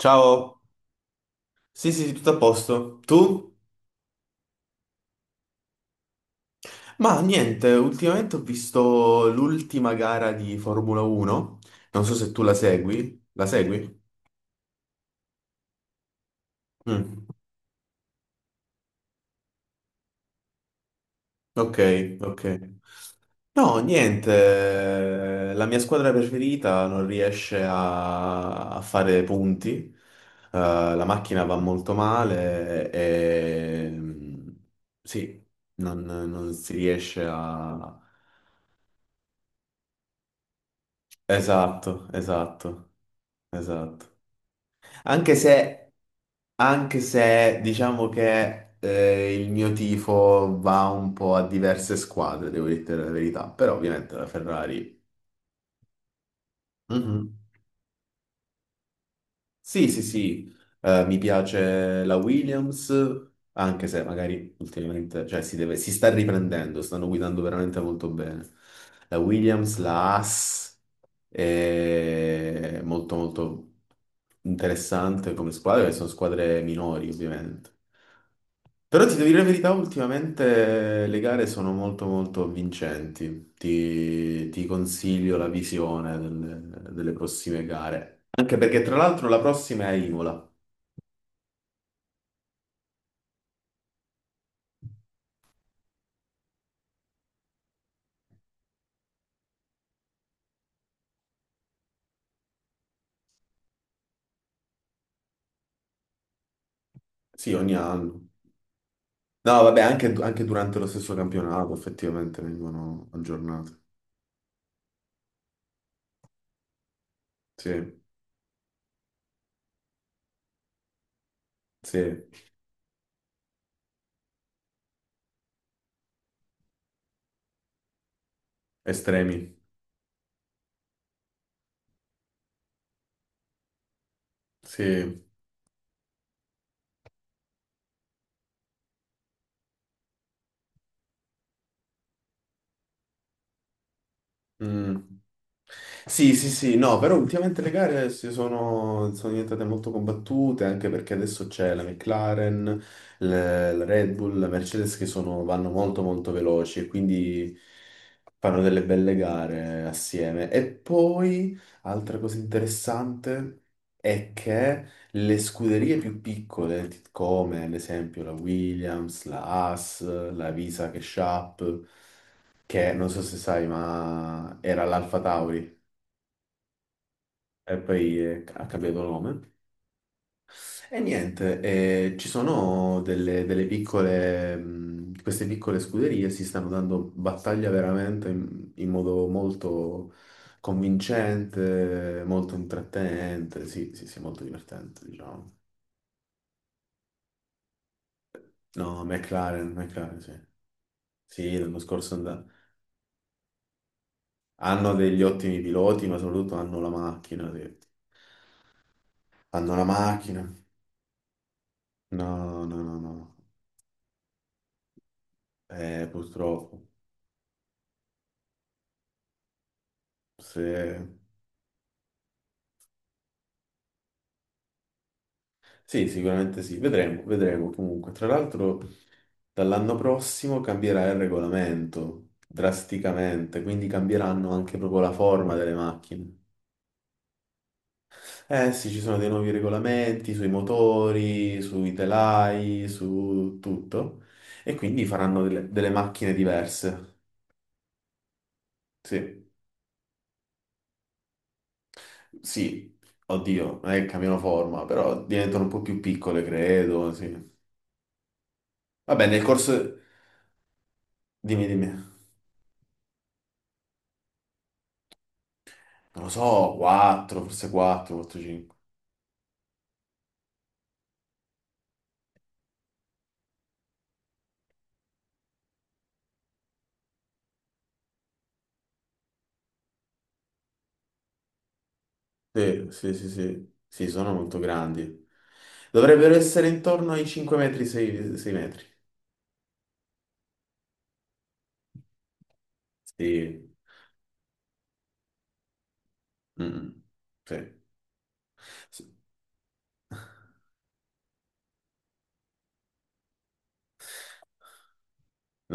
Ciao, sì sì, sì, tutto a posto. Tu? Ma niente, ultimamente ho visto l'ultima gara di Formula 1, non so se tu la segui. La segui? Mm, ok, ok. No, niente, la mia squadra preferita non riesce a fare punti. Eh, la macchina va molto male e sì, non si riesce a. Esatto, esatto, esatto. Anche se, anche se diciamo che il mio tifo va un po' a diverse squadre, devo dire la verità, però ovviamente la Ferrari. Mhm. Sì, sì, sì. Mi piace la Williams, anche se magari ultimamente, cioè si sta riprendendo, stanno guidando veramente molto bene. La Williams, la Haas, è molto molto interessante come squadra, perché sono squadre minori ovviamente. Però ti devo dire la verità, ultimamente le gare sono molto molto vincenti. Ti consiglio la visione delle prossime gare. Anche perché tra l'altro la prossima è a Imola. Sì, ogni anno. No, vabbè, anche durante lo stesso campionato effettivamente vengono aggiornate. Sì, sì, estremi. Sì. Mm. Sì, sì, sì, no, però ultimamente le gare sono diventate molto combattute anche perché adesso c'è la McLaren, la Red Bull, la Mercedes che vanno molto molto veloci e quindi fanno delle belle gare assieme. E poi, altra cosa interessante è che le scuderie più piccole, come ad esempio la Williams, la Haas, la Visa che Sharp, che non so se sai, ma era l'Alfa Tauri e poi ha cambiato nome. E niente, ci sono delle piccole, queste piccole scuderie si stanno dando battaglia veramente in modo molto convincente, molto intrattenente, sì, sì, sì, molto divertente, diciamo. No, McLaren, McLaren, sì. Sì, l'anno scorso hanno degli ottimi piloti, ma soprattutto hanno la macchina, sì. Hanno la macchina. No, no, no, no. Purtroppo, sì. Sì, sicuramente sì, vedremo, vedremo comunque. Tra l'altro, dall'anno prossimo cambierà il regolamento drasticamente, quindi cambieranno anche proprio la forma delle macchine. Eh sì, ci sono dei nuovi regolamenti sui motori, sui telai, su tutto, e quindi faranno delle macchine diverse. Sì, sì, oddio, non è che cambiano forma, però diventano un po' più piccole, credo, sì. Vabbè, nel corso. Dimmi, dimmi. Non lo so, 4, forse 4, 4, 5. Sì, sì, sì, sì. Sì, sono molto grandi. Dovrebbero essere intorno ai 5 metri, 6, metri. Sì. Mm, sì. Sì.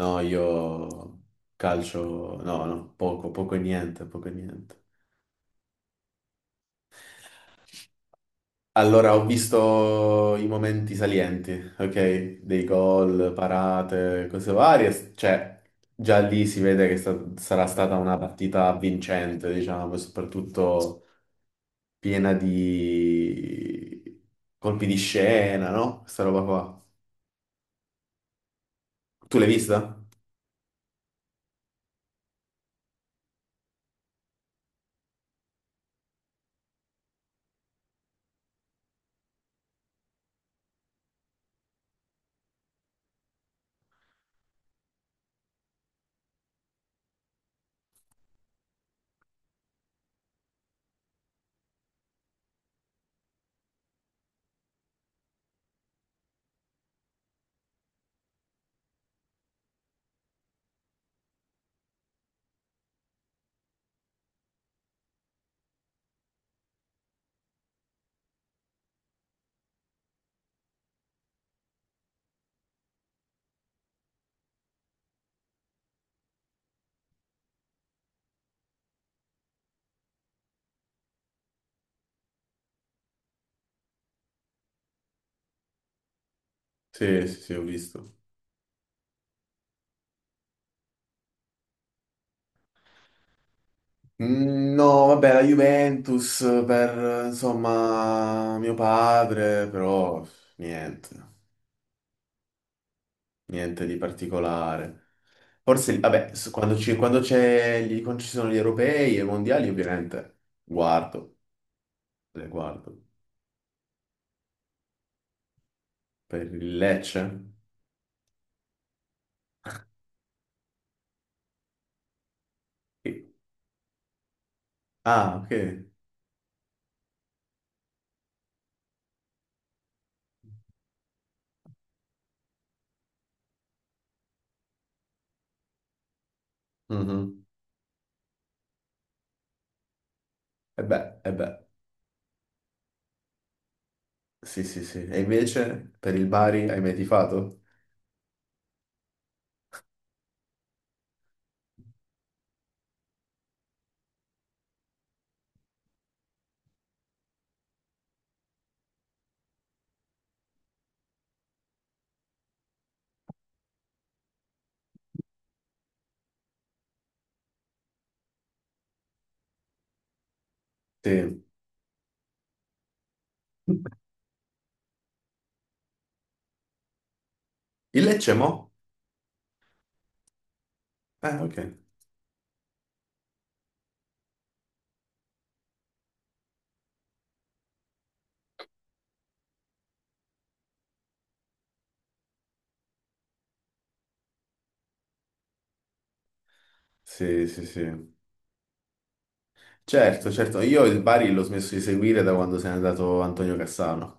No, io calcio, no, no, poco, poco e niente, poco e niente. Allora, ho visto i momenti salienti, ok? Dei gol, parate, cose varie. Cioè, già lì si vede che sarà stata una partita vincente, diciamo, e soprattutto piena di colpi di scena, no? Questa roba qua. Tu l'hai vista? Sì, sì, sì, ho visto. Mm, no, vabbè, la Juventus per, insomma, mio padre, però niente, niente di particolare. Forse, vabbè, quando ci sono gli europei e i mondiali, ovviamente, le guardo. Per il Lecce? Sì. Ah, ok. Mhm. E beh, sì, sì, sì. E invece, per il Bari, hai mai tifato? Sì. Il Lecce, mo? Ok. Sì, sì, sì. Certo, certo. Io il Bari l'ho smesso di seguire da quando se n'è andato Antonio Cassano.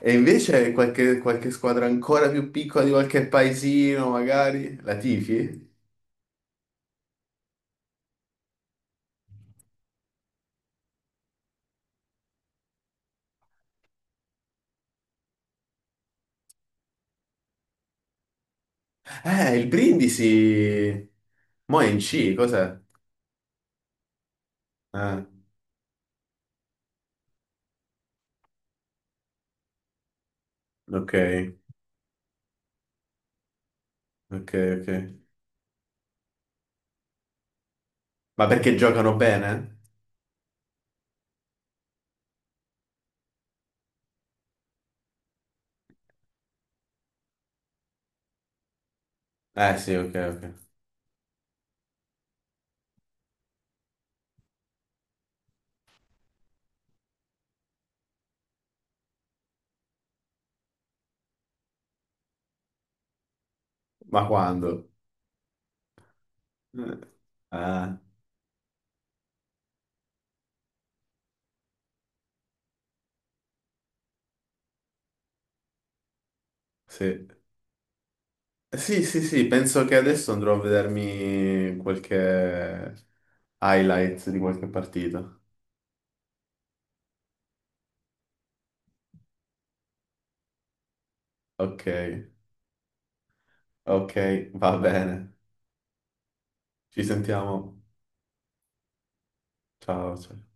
E invece qualche squadra ancora più piccola di qualche paesino, magari? La tifi? Il Brindisi. Mo' è in C, cos'è? Ah, ok, ok, ok. Ma perché giocano bene? Eh sì, ok, ok. Ma quando? Eh, Ah, sì. Sì, sì, sì, penso che adesso andrò a vedermi qualche highlight di qualche partita. Ok, ok, va bene. Ci sentiamo. Ciao, ciao.